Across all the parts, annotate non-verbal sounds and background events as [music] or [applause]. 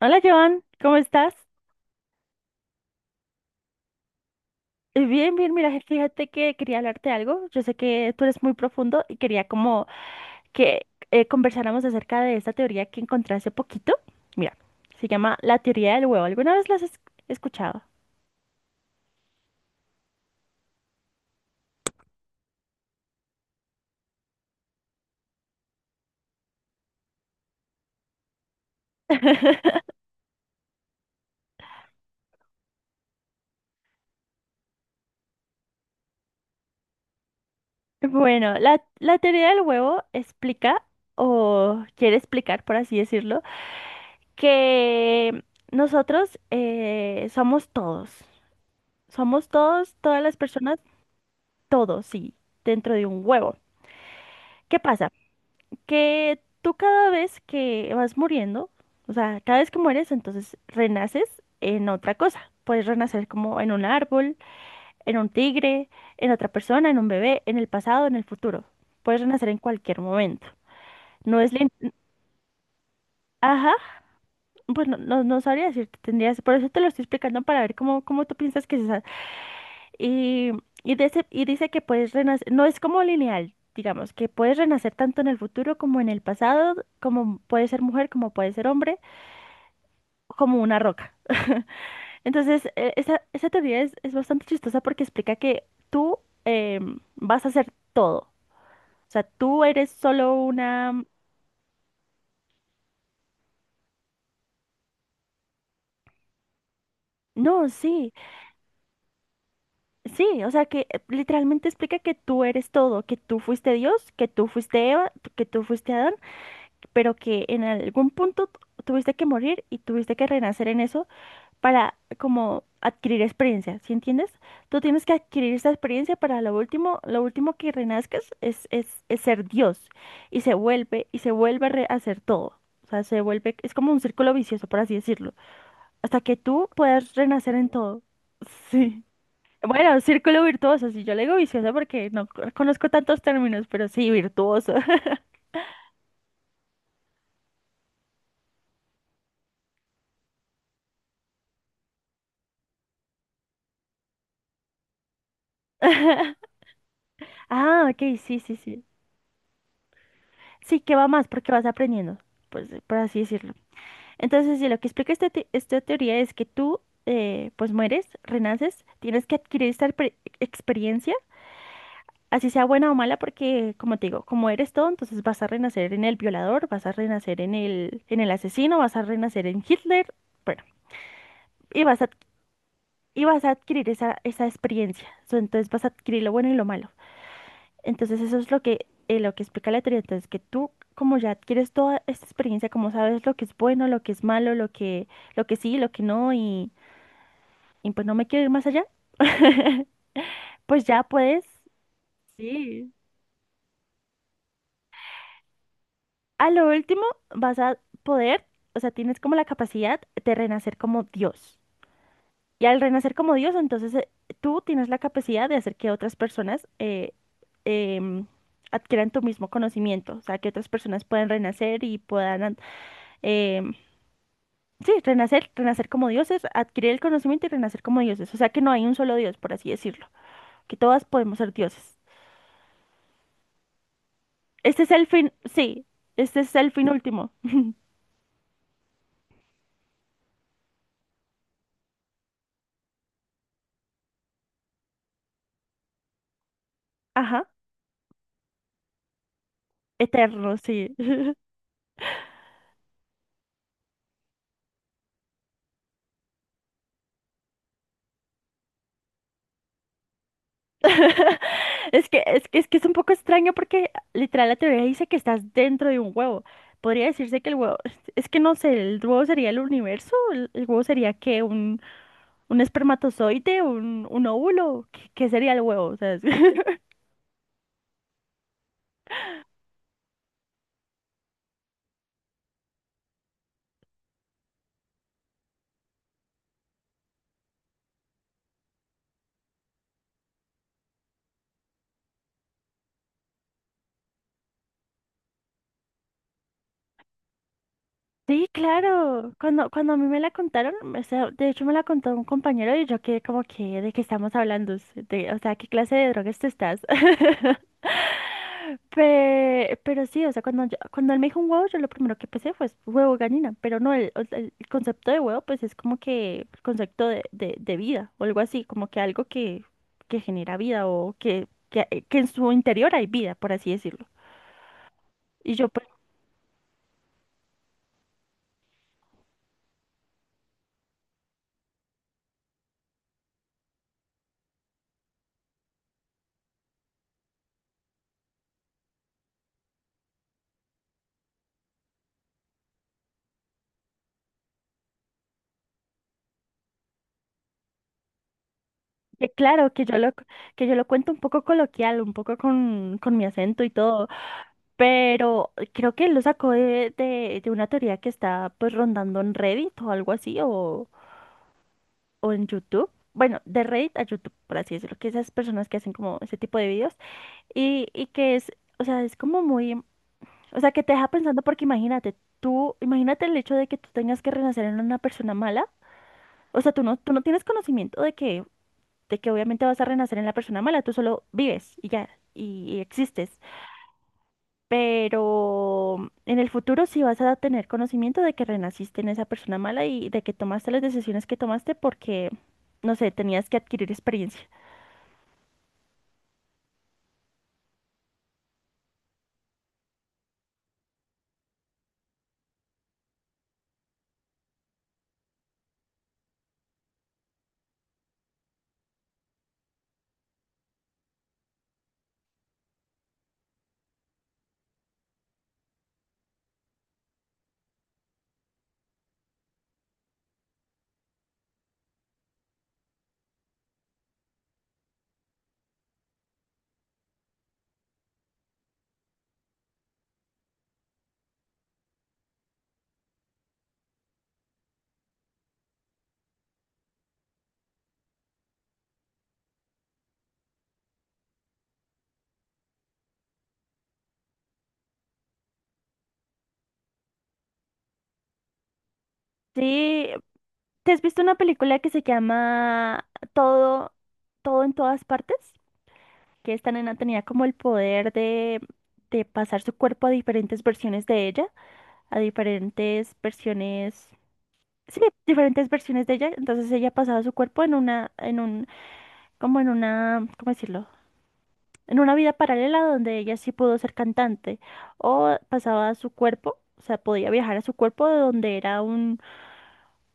Hola Joan, ¿cómo estás? Bien, bien, mira, fíjate que quería hablarte de algo. Yo sé que tú eres muy profundo y quería como que conversáramos acerca de esta teoría que encontré hace poquito. Mira, se llama la teoría del huevo. ¿Alguna vez escuchado? [laughs] Bueno, la teoría del huevo explica, o quiere explicar, por así decirlo, que nosotros somos todos. Somos todos, todas las personas, todos, sí, dentro de un huevo. ¿Qué pasa? Que tú cada vez que vas muriendo, o sea, cada vez que mueres, entonces renaces en otra cosa. Puedes renacer como en un árbol, en un tigre, en otra persona, en un bebé, en el pasado, en el futuro. Puedes renacer en cualquier momento. No es lineal. Ajá, pues no sabría decirte, tendrías, por eso te lo estoy explicando para ver cómo, cómo tú piensas que es esa. Y, y dice que puedes renacer, no es como lineal, digamos, que puedes renacer tanto en el futuro como en el pasado, como puedes ser mujer, como puedes ser hombre como una roca. Entonces, esa teoría es bastante chistosa porque explica que tú vas a hacer todo. O sea, tú eres solo una... no, sí, sí, o sea que literalmente explica que tú eres todo, que tú fuiste Dios, que tú fuiste Eva, que tú fuiste Adán, pero que en algún punto tuviste que morir y tuviste que renacer en eso para como adquirir experiencia, ¿sí entiendes? Tú tienes que adquirir esa experiencia para lo último que renazcas es ser Dios y se vuelve a a hacer todo. O sea, se vuelve, es como un círculo vicioso, por así decirlo, hasta que tú puedas renacer en todo. [laughs] Sí. Bueno, círculo virtuoso, sí, yo le digo vicioso porque no co- conozco tantos términos, pero sí, virtuoso. [laughs] Ah, ok, sí, sí, sí. Sí, que va más porque vas aprendiendo, pues, por así decirlo. Entonces, sí, lo que explica esta teoría es que tú, pues mueres, renaces, tienes que adquirir experiencia, así sea buena o mala, porque, como te digo, como eres todo, entonces vas a renacer en el violador, vas a renacer en en el asesino, vas a renacer en Hitler, bueno, y vas a, y vas a adquirir esa experiencia. So, entonces vas a adquirir lo bueno y lo malo. Entonces, eso es lo que explica la teoría. Entonces, que tú, como ya adquieres toda esta experiencia, como sabes lo que es bueno, lo que es malo, lo que sí, lo que no, y pues no me quiero ir más allá, [laughs] pues ya puedes, sí. A lo último vas a poder, o sea, tienes como la capacidad de renacer como Dios. Y al renacer como Dios, entonces tú tienes la capacidad de hacer que otras personas em, adquieran tu mismo conocimiento, o sea, que otras personas puedan renacer y em, sí, renacer, renacer como dioses, adquirir el conocimiento y renacer como dioses. O sea, que no hay un solo Dios, por así decirlo, que todas podemos ser dioses. Este es el fin, sí, este es el fin último. Ajá, eterno, sí. [laughs] Es que, es que, es que es un poco extraño porque literal la teoría dice que estás dentro de un huevo. Podría decirse que el huevo, es que no sé, el huevo sería el universo, el huevo sería que un espermatozoide, un óvulo, ¿qué, qué sería el huevo? O sea, [laughs] sí, claro. Cuando, cuando a mí me la contaron, o sea, de hecho me la contó un compañero y yo quedé como que, ¿de qué estamos hablando? De, o sea, ¿qué clase de drogas te estás? [laughs] Pero sí, o sea, cuando, cuando él me dijo un huevo, yo lo primero que pensé fue huevo gallina, pero no, el, o sea, el concepto de huevo pues es como que el concepto de vida o algo así, como que algo que genera vida o que en su interior hay vida, por así decirlo. Y yo pues, que claro, que yo lo cuento un poco coloquial, un poco con mi acento y todo, pero creo que lo sacó de una teoría que está pues rondando en Reddit o algo así, o en YouTube. Bueno, de Reddit a YouTube, por así decirlo, que esas personas que hacen como ese tipo de videos y que es, o sea, es como muy, o sea, que te deja pensando porque imagínate, tú, imagínate el hecho de que tú tengas que renacer en una persona mala, o sea, tú no tienes conocimiento de que obviamente vas a renacer en la persona mala, tú solo vives y ya, y existes, pero en el futuro sí vas a tener conocimiento de que renaciste en esa persona mala y de que tomaste las decisiones que tomaste porque, no sé, tenías que adquirir experiencia. Sí, ¿te has visto una película que se llama Todo, Todo en todas partes? Que esta nena tenía como el poder de pasar su cuerpo a diferentes versiones de ella, a diferentes versiones, sí, diferentes versiones de ella. Entonces ella pasaba su cuerpo en una, en un, como en una, ¿cómo decirlo? En una vida paralela donde ella sí pudo ser cantante o pasaba su cuerpo, o sea, podía viajar a su cuerpo de donde era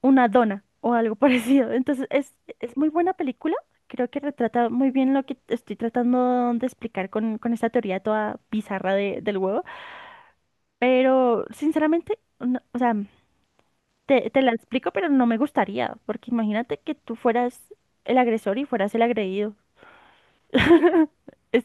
una dona o algo [laughs] parecido. Entonces, es muy buena película. Creo que retrata muy bien lo que estoy tratando de explicar con esta teoría toda bizarra del huevo. Pero, sinceramente, o sea, te la explico, pero no me gustaría. Porque imagínate que tú fueras el agresor y fueras el agredido. Es,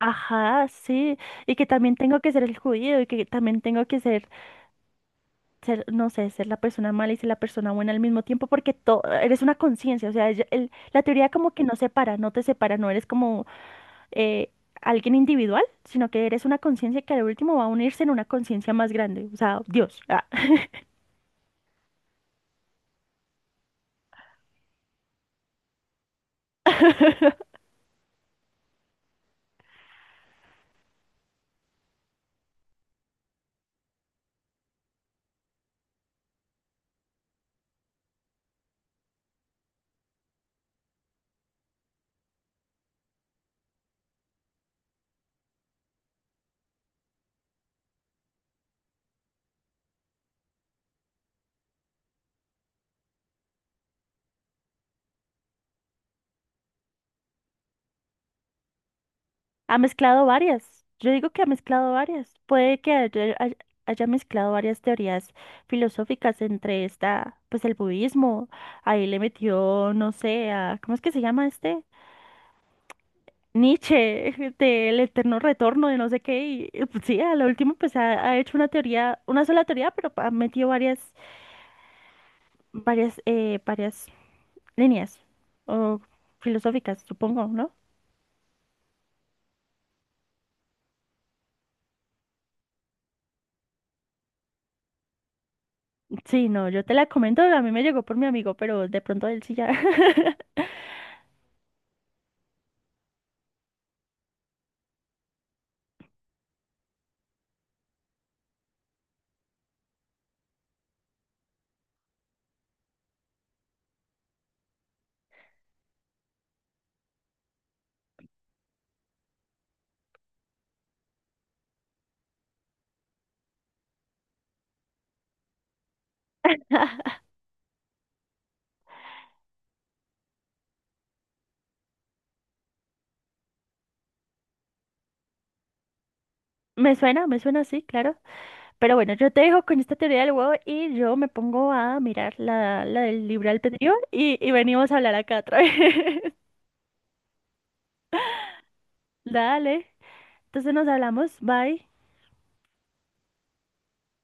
ajá, sí. Y que también tengo que ser el judío y que también tengo que ser ser, no sé, ser la persona mala y ser la persona buena al mismo tiempo, porque eres una conciencia, o sea, la teoría como que no separa, no te separa, no eres como eh, alguien individual, sino que eres una conciencia que al último va a unirse en una conciencia más grande, o sea, Dios, ah, ha mezclado varias, yo digo que ha mezclado varias, puede que haya mezclado varias teorías filosóficas entre esta, pues el budismo, ahí le metió, no sé, a, ¿cómo es que se llama este? Nietzsche del eterno retorno de no sé qué y, pues, sí, a lo último pues ha, ha hecho una teoría, una sola teoría, pero ha metido varias, varias, varias líneas o filosóficas, supongo, ¿no? Sí, no, yo te la comento, a mí me llegó por mi amigo, pero de pronto él sí ya. [laughs] Me suena, sí, claro. Pero bueno, yo te dejo con esta teoría del huevo y yo me pongo a mirar la, la del libre albedrío y venimos a hablar acá otra vez. [laughs] Dale, entonces nos hablamos, bye.